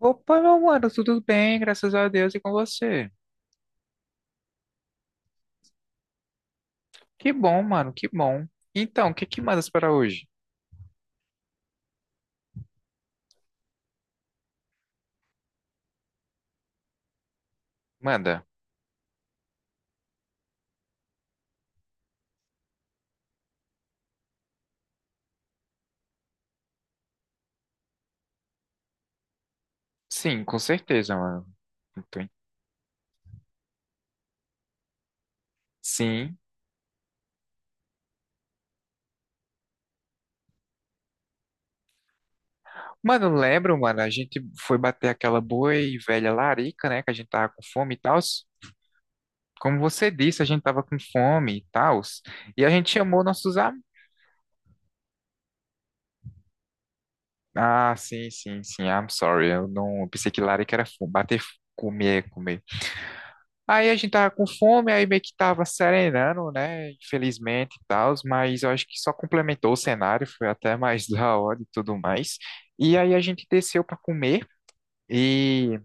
Opa, meu mano, tudo bem, graças a Deus e com você. Que bom, mano, que bom. Então, o que que mandas para hoje? Manda. Sim, com certeza, mano. Então, sim. Mano, lembro, mano, a gente foi bater aquela boa e velha larica, né, que a gente tava com fome e tal. Como você disse, a gente tava com fome e tal. E a gente chamou nossos amigos. Ah, sim, sim, sim, I'm sorry. Eu não, eu pensei que larica era fome, bater, comer, comer. Aí a gente tava com fome, aí meio que tava serenando, né? Infelizmente e tal, mas eu acho que só complementou o cenário, foi até mais da hora e tudo mais. E aí a gente desceu pra comer e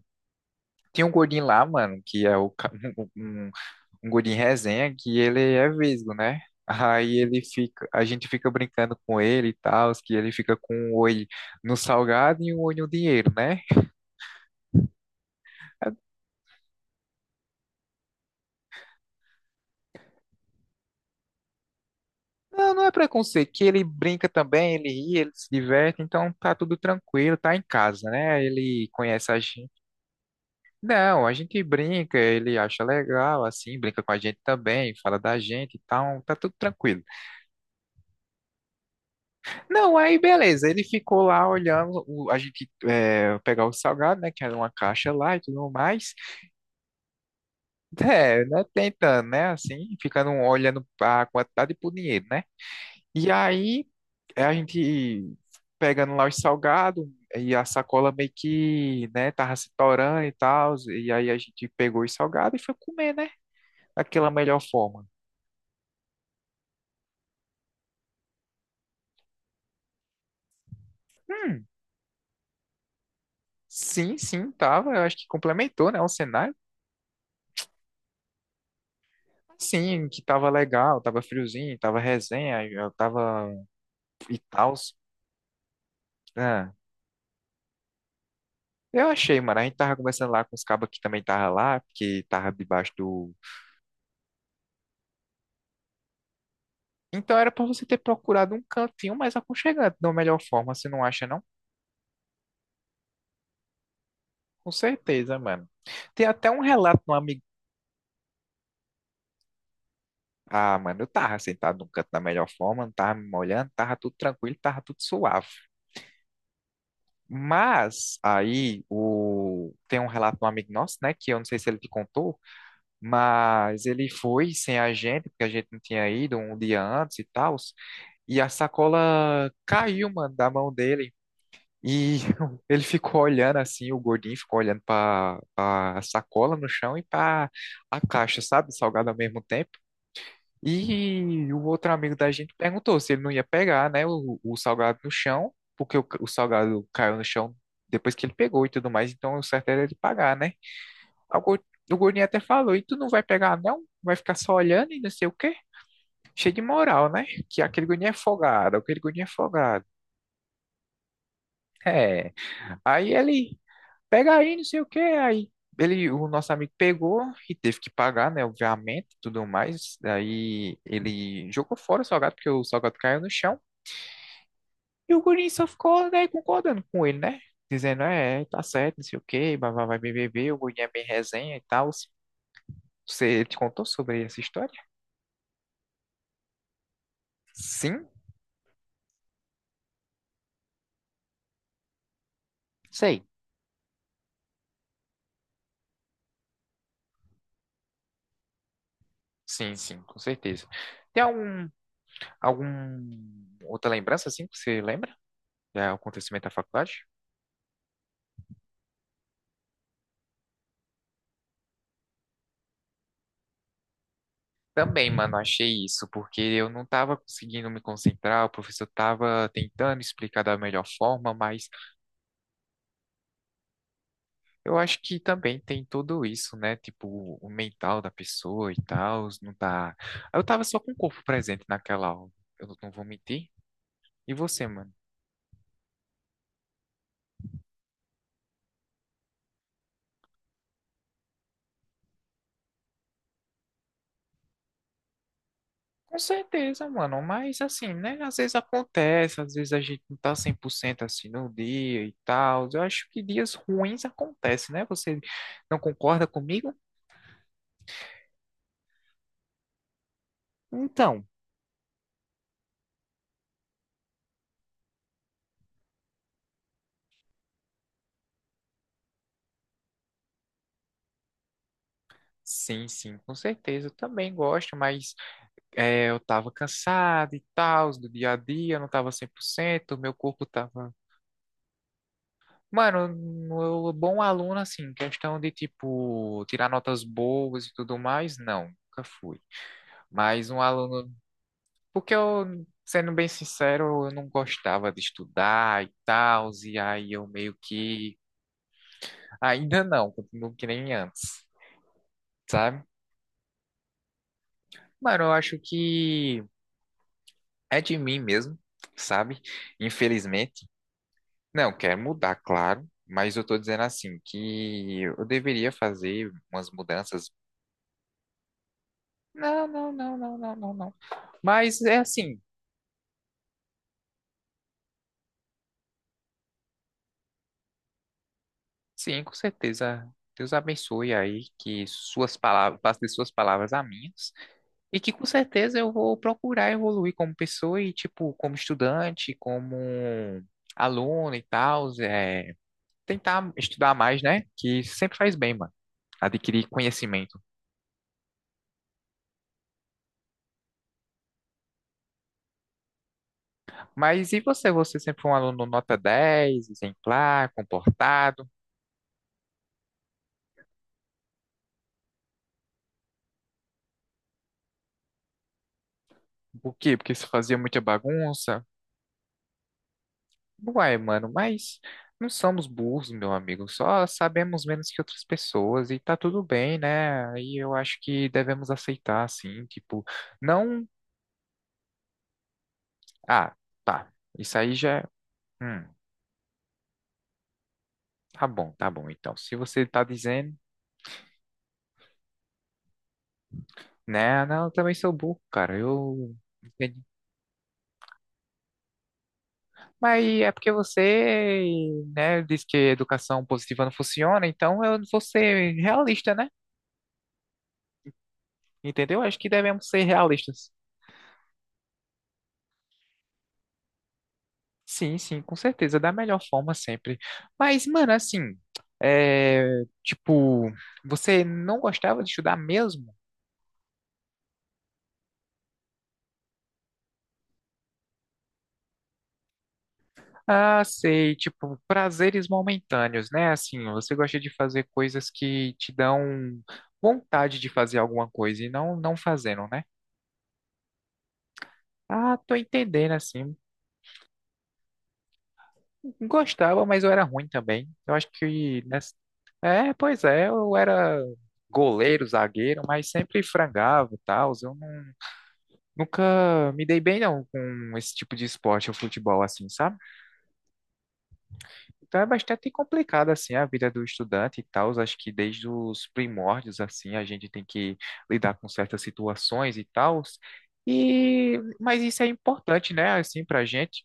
tinha um gordinho lá, mano, que é o, ca- um, um um gordinho resenha, que ele é vesgo, né? Aí ele fica, a gente fica brincando com ele e tal, que ele fica com um olho no salgado e um olho no dinheiro, né? Não, não é preconceito, que ele brinca também, ele ri, ele se diverte, então tá tudo tranquilo, tá em casa, né? Ele conhece a gente. Não, a gente brinca, ele acha legal, assim, brinca com a gente também, fala da gente e tal, tá tudo tranquilo. Não, aí beleza, ele ficou lá olhando, a gente é, pegar o salgado, né, que era uma caixa lá e tudo mais. É, né, tentando, né, assim, ficando olhando a quantidade e pro dinheiro, né? E aí é, a gente pegando lá os salgados e a sacola meio que, né, tava se torando e tal, e aí a gente pegou os salgados e foi comer, né, daquela melhor forma. Hum, sim, sim, tava, eu acho que complementou, né, o cenário. Sim, que tava legal, tava friozinho, tava resenha, eu tava e tal. Ah, eu achei, mano. A gente tava conversando lá com os cabos que também tava lá, porque tava debaixo do. Então era pra você ter procurado um cantinho mais aconchegante, da melhor forma, você não acha, não? Com certeza, mano. Tem até um relato de um amigo. Ah, mano, eu tava sentado num canto da melhor forma, não tava me molhando, tava tudo tranquilo, tava tudo suave. Mas aí o... tem um relato de um amigo nosso, né? Que eu não sei se ele te contou, mas ele foi sem a gente, porque a gente não tinha ido um dia antes e tal. E a sacola caiu, mano, da mão dele. E ele ficou olhando assim, o gordinho ficou olhando para a sacola no chão e para a caixa, sabe, salgado ao mesmo tempo. E o outro amigo da gente perguntou se ele não ia pegar, né, o salgado no chão, porque o salgado caiu no chão depois que ele pegou e tudo mais, então o certo era ele pagar, né? Aí O, gor- o gordinho até falou: e tu não vai pegar, não? Vai ficar só olhando e não sei o quê? Cheio de moral, né? Que aquele gordinho é folgado, aquele gordinho é folgado. É. Aí ele. Pega aí, não sei o que. Aí ele, o nosso amigo pegou e teve que pagar, né? Obviamente, tudo mais. Aí ele jogou fora o salgado, porque o salgado caiu no chão. E o guri só ficou, né, concordando com ele, né? Dizendo, é, tá certo, não sei o quê, vai, vai, vai, beber, o guri é bem resenha e tal. Você te contou sobre essa história? Sim, sei. Sim, sim, com certeza. Tem algum, algum outra lembrança, assim, que você lembra? Do acontecimento da faculdade? Também, mano, achei isso, porque eu não tava conseguindo me concentrar, o professor tava tentando explicar da melhor forma, mas eu acho que também tem tudo isso, né? Tipo, o mental da pessoa e tal, não tá. Eu tava só com o corpo presente naquela aula, eu não vou mentir. E você, mano? Com certeza, mano, mas assim, né? Às vezes acontece, às vezes a gente não tá 100% assim no dia e tal. Eu acho que dias ruins acontecem, né? Você não concorda comigo? Então, sim, sim, com certeza. Eu também gosto, mas é, eu tava cansado e tal, do dia a dia, eu não tava 100%, meu corpo tava. Mano, bom aluno, assim, questão de, tipo, tirar notas boas e tudo mais, não, nunca fui. Mas um aluno. Porque eu, sendo bem sincero, eu não gostava de estudar e tal, e aí eu meio que. Ainda não, continuo que nem antes, sabe? Mano, eu acho que é de mim mesmo, sabe? Infelizmente. Não, quero mudar, claro, mas eu tô dizendo assim, que eu deveria fazer umas mudanças. Não, não, não, não, não, não, não. Mas é assim, sim, com certeza. Deus abençoe aí que suas palavras, passe de suas palavras a minhas, e que com certeza eu vou procurar evoluir como pessoa e, tipo, como estudante, como aluno e tal, é, tentar estudar mais, né? Que sempre faz bem, mano, adquirir conhecimento. Mas e você? Você sempre foi um aluno nota 10 exemplar, comportado? Por quê? Porque você fazia muita bagunça? Uai, mano, mas não somos burros, meu amigo. Só sabemos menos que outras pessoas e tá tudo bem, né? E eu acho que devemos aceitar, assim, tipo, não. Ah, tá. Isso aí já. É, hum, tá bom, tá bom. Então, se você tá dizendo, né? "Ah, não, eu também sou burro, cara. Eu. Mas é porque você, né, disse que educação positiva não funciona, então eu vou ser realista, né? Entendeu? Acho que devemos ser realistas. Sim, sim, com certeza, da melhor forma sempre. Mas, mano, assim, é, tipo, você não gostava de estudar mesmo? Ah, sei, tipo, prazeres momentâneos, né? Assim, você gosta de fazer coisas que te dão vontade de fazer alguma coisa e não fazendo, né? Ah, tô entendendo, assim. Gostava, mas eu era ruim também. Eu acho que nessa... É, pois é, eu era goleiro, zagueiro, mas sempre frangava e tal. Eu não- Nunca me dei bem não com esse tipo de esporte, o futebol assim, sabe? Então é bastante complicado assim a vida do estudante e tal. Acho que desde os primórdios assim, a gente tem que lidar com certas situações e tal. E mas isso é importante, né, assim pra gente.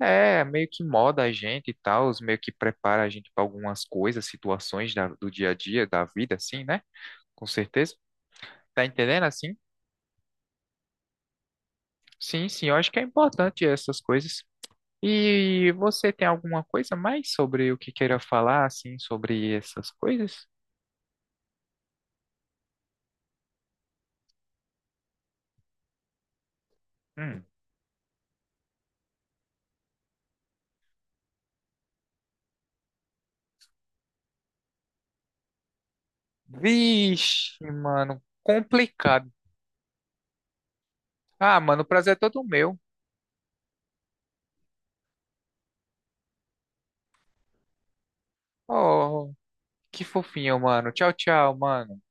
É, meio que moda a gente e tal, os meio que prepara a gente para algumas coisas, situações do dia a dia, da vida, assim, né? Com certeza. Tá entendendo assim? Sim, sim, eu acho que é importante essas coisas. E você tem alguma coisa mais sobre o que queira falar, assim, sobre essas coisas? Hum. Vixe, mano, complicado. Ah, mano, o prazer é todo meu. Oh, que fofinho, mano. Tchau, tchau, mano.